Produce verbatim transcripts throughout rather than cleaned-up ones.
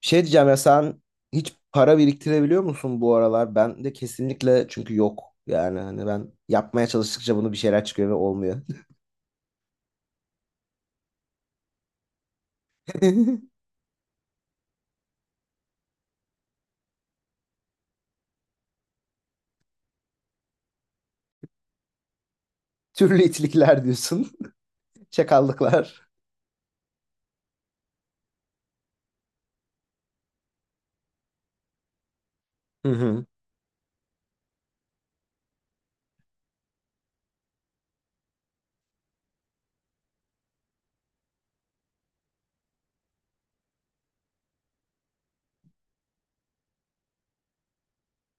Şey diyeceğim ya, sen hiç para biriktirebiliyor musun bu aralar? Ben de kesinlikle, çünkü yok. Yani hani ben yapmaya çalıştıkça bunu bir şeyler çıkıyor ve olmuyor. Türlü itlikler diyorsun. Çakallıklar. Hı hı.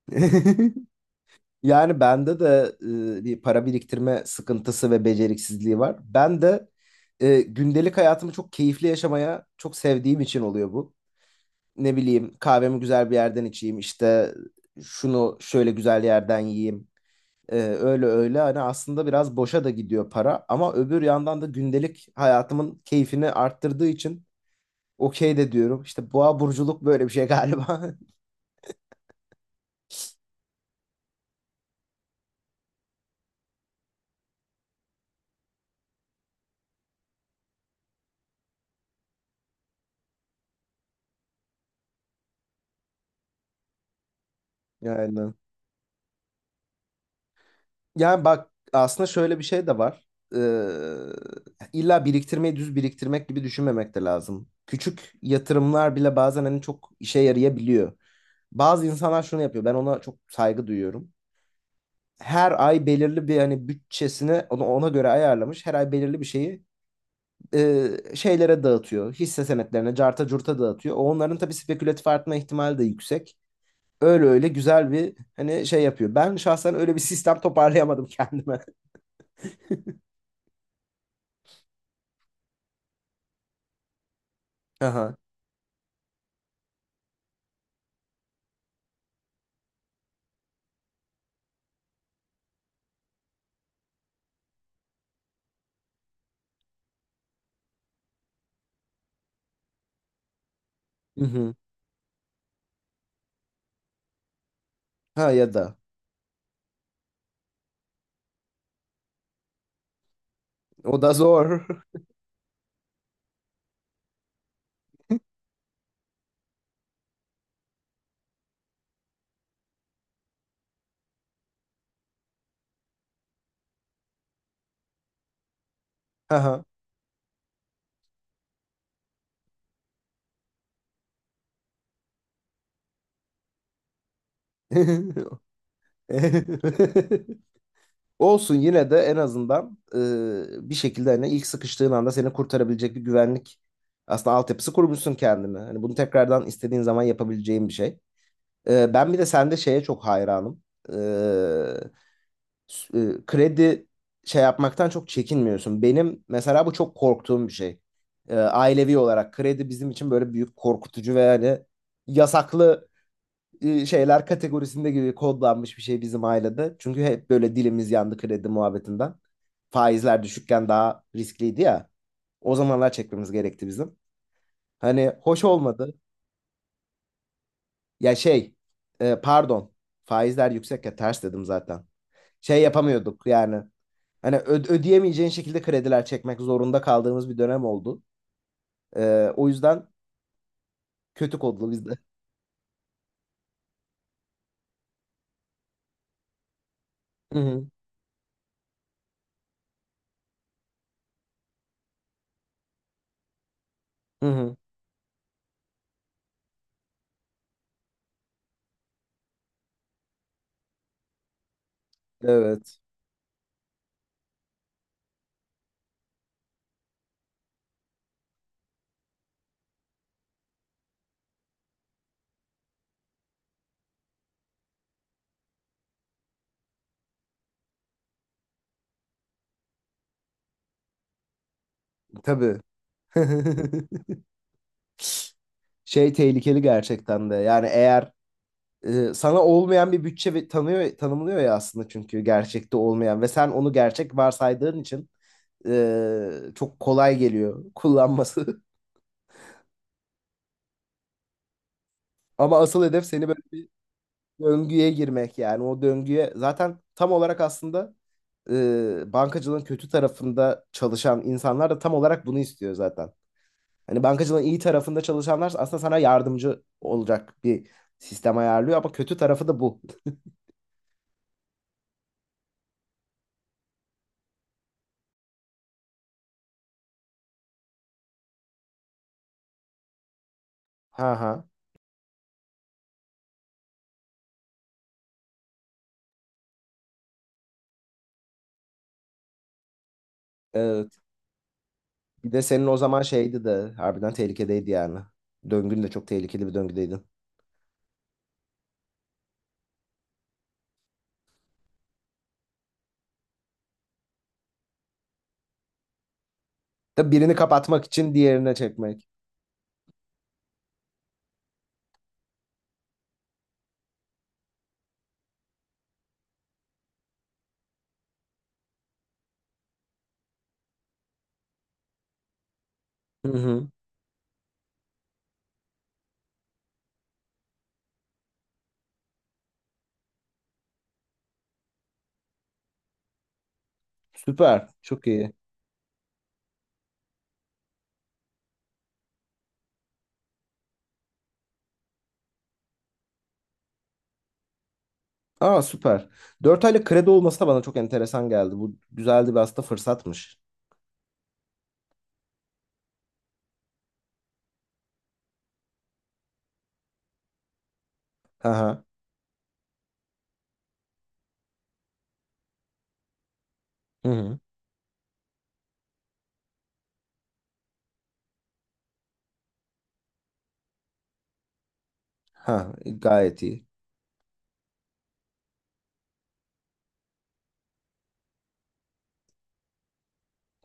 Yani bende de e, bir para biriktirme sıkıntısı ve beceriksizliği var. Ben de e, gündelik hayatımı çok keyifli yaşamaya çok sevdiğim için oluyor bu. Ne bileyim, kahvemi güzel bir yerden içeyim, işte şunu şöyle güzel yerden yiyeyim. Ee, öyle öyle hani aslında biraz boşa da gidiyor para, ama öbür yandan da gündelik hayatımın keyfini arttırdığı için okey de diyorum. İşte boğa burculuk böyle bir şey galiba. Yani. Yani bak, aslında şöyle bir şey de var. Ee, illa biriktirmeyi düz biriktirmek gibi düşünmemek de lazım. Küçük yatırımlar bile bazen hani çok işe yarayabiliyor. Bazı insanlar şunu yapıyor. Ben ona çok saygı duyuyorum. Her ay belirli bir hani bütçesini ona, ona göre ayarlamış. Her ay belirli bir şeyi e, şeylere dağıtıyor. Hisse senetlerine, carta curta dağıtıyor. O Onların tabii spekülatif artma ihtimali de yüksek. Öyle öyle güzel bir hani şey yapıyor. Ben şahsen öyle bir sistem toparlayamadım kendime. Aha. Hı hı. Ha ya da. O da zor. Aha. Olsun, yine de en azından e, bir şekilde hani ilk sıkıştığın anda seni kurtarabilecek bir güvenlik aslında altyapısı kurmuşsun kendine. Hani bunu tekrardan istediğin zaman yapabileceğin bir şey. Ee, ben bir de sende şeye çok hayranım. Ee, s- e, Kredi şey yapmaktan çok çekinmiyorsun. Benim mesela bu çok korktuğum bir şey. Ee, ailevi olarak kredi bizim için böyle büyük korkutucu ve yani yasaklı e, şeyler kategorisinde gibi kodlanmış bir şey bizim ailede. Çünkü hep böyle dilimiz yandı kredi muhabbetinden. Faizler düşükken daha riskliydi ya. O zamanlar çekmemiz gerekti bizim. Hani hoş olmadı. Ya şey, e, pardon. Faizler yüksek ya, ters dedim zaten. Şey yapamıyorduk yani. Hani ö- ödeyemeyeceğin şekilde krediler çekmek zorunda kaldığımız bir dönem oldu. Ee, o yüzden kötü kodlu bizde. Hı hı. Hı hı. Evet. Tabii. Şey tehlikeli gerçekten de. Yani eğer e, sana olmayan bir bütçe ve- tanıyor tanımlıyor ya aslında, çünkü gerçekte olmayan ve sen onu gerçek varsaydığın için e, çok kolay geliyor kullanması. Ama asıl hedef seni böyle bir döngüye girmek, yani o döngüye zaten tam olarak aslında e, bankacılığın kötü tarafında çalışan insanlar da tam olarak bunu istiyor zaten. Hani bankacılığın iyi tarafında çalışanlar aslında sana yardımcı olacak bir sistem ayarlıyor, ama kötü tarafı da bu. Ha ha. Evet. Bir de senin o zaman şeydi de, harbiden tehlikedeydi yani. Döngün de çok tehlikeli bir döngüdeydin. Tabii, birini kapatmak için diğerine çekmek. Hı hı. Süper. Çok iyi. Aa süper. Dört aylık kredi olması da bana çok enteresan geldi. Bu güzeldi, bir aslında fırsatmış. Aha. Hı hı. Ha, gayet iyi.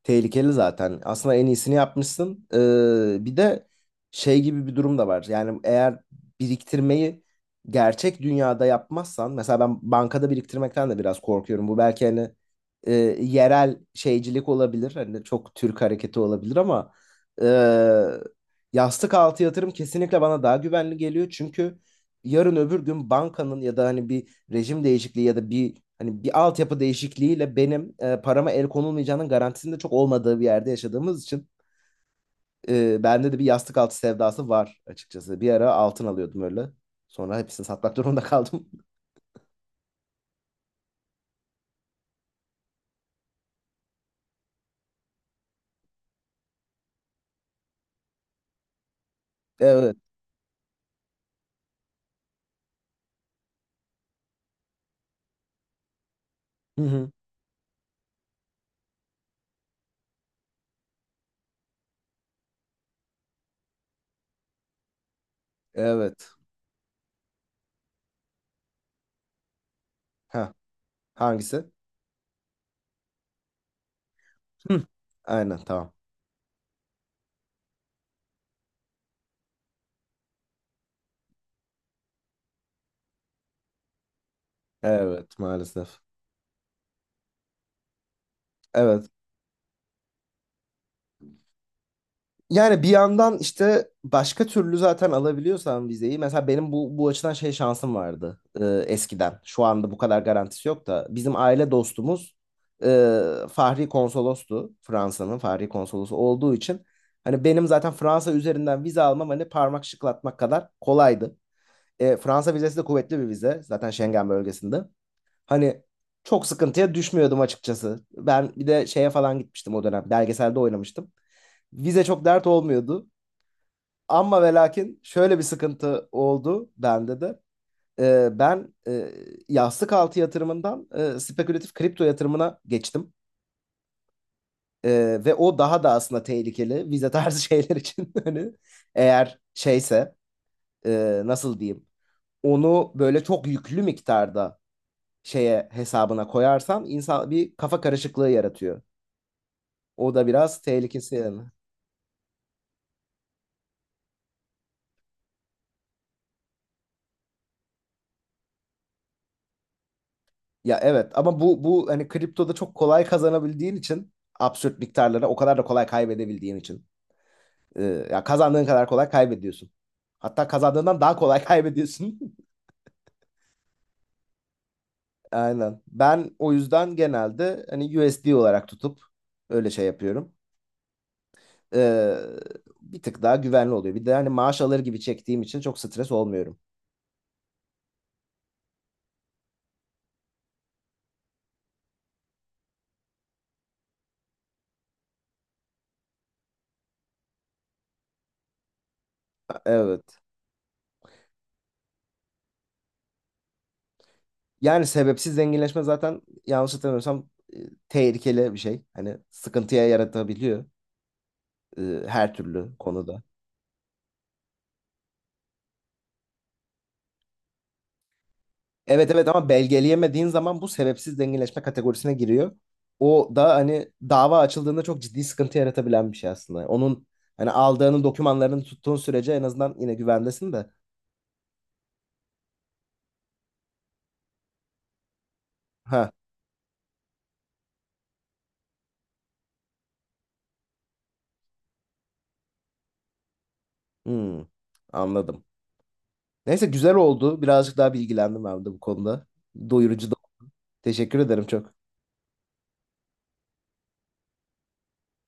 Tehlikeli zaten. Aslında en iyisini yapmışsın. Ee, bir de şey gibi bir durum da var. Yani eğer biriktirmeyi gerçek dünyada yapmazsan, mesela ben bankada biriktirmekten de biraz korkuyorum. Bu belki hani e, yerel şeycilik olabilir. Hani çok Türk hareketi olabilir ama e, yastık altı yatırım kesinlikle bana daha güvenli geliyor. Çünkü yarın öbür gün bankanın ya da hani bir rejim değişikliği ya da bir hani bir altyapı değişikliğiyle benim e, parama el konulmayacağının garantisinde çok olmadığı bir yerde yaşadığımız için e, bende de bir yastık altı sevdası var açıkçası. Bir ara altın alıyordum öyle. Sonra hepsini satmak durumunda kaldım. Evet. Hı hı. Evet. Ha, hangisi? Hı. Aynen, tamam. Evet, maalesef. Evet. Yani bir yandan işte başka türlü zaten alabiliyorsan vizeyi. Mesela benim bu, bu açıdan şey şansım vardı e, eskiden. Şu anda bu kadar garantisi yok da. Bizim aile dostumuz e, Fahri Konsolostu. Fransa'nın Fahri Konsolosu olduğu için. Hani benim zaten Fransa üzerinden vize almam hani parmak şıklatmak kadar kolaydı. E, Fransa vizesi de kuvvetli bir vize. Zaten Schengen bölgesinde. Hani çok sıkıntıya düşmüyordum açıkçası. Ben bir de şeye falan gitmiştim o dönem. Belgeselde oynamıştım. Vize çok dert olmuyordu. Ama ve lakin şöyle bir sıkıntı oldu bende de. Ee, ben e, yastık altı yatırımından e, spekülatif kripto yatırımına geçtim. Ee, ve o daha da aslında tehlikeli vize tarzı şeyler için. Hani eğer şeyse e, nasıl diyeyim, onu böyle çok yüklü miktarda şeye hesabına koyarsan insan, bir kafa karışıklığı yaratıyor. O da biraz tehlikesi, yani. Ya evet, ama bu bu hani kriptoda çok kolay kazanabildiğin için absürt miktarlara o kadar da kolay kaybedebildiğin için. Ee, Ya kazandığın kadar kolay kaybediyorsun. Hatta kazandığından daha kolay kaybediyorsun. Aynen. Ben o yüzden genelde hani U S D olarak tutup öyle şey yapıyorum. Ee, Bir tık daha güvenli oluyor. Bir de hani maaş alır gibi çektiğim için çok stres olmuyorum. Evet. Yani sebepsiz zenginleşme zaten yanlış hatırlamıyorsam e, tehlikeli bir şey. Hani sıkıntıya yaratabiliyor. e, Her türlü konuda. Evet evet ama belgeleyemediğin zaman bu sebepsiz zenginleşme kategorisine giriyor. O da hani dava açıldığında çok ciddi sıkıntı yaratabilen bir şey aslında. Onun hani aldığının dokümanlarını tuttuğun sürece en azından yine güvendesin de. Ha, hmm, anladım. Neyse, güzel oldu. Birazcık daha bilgilendim ben de bu konuda. Doyurucu da. Teşekkür ederim çok.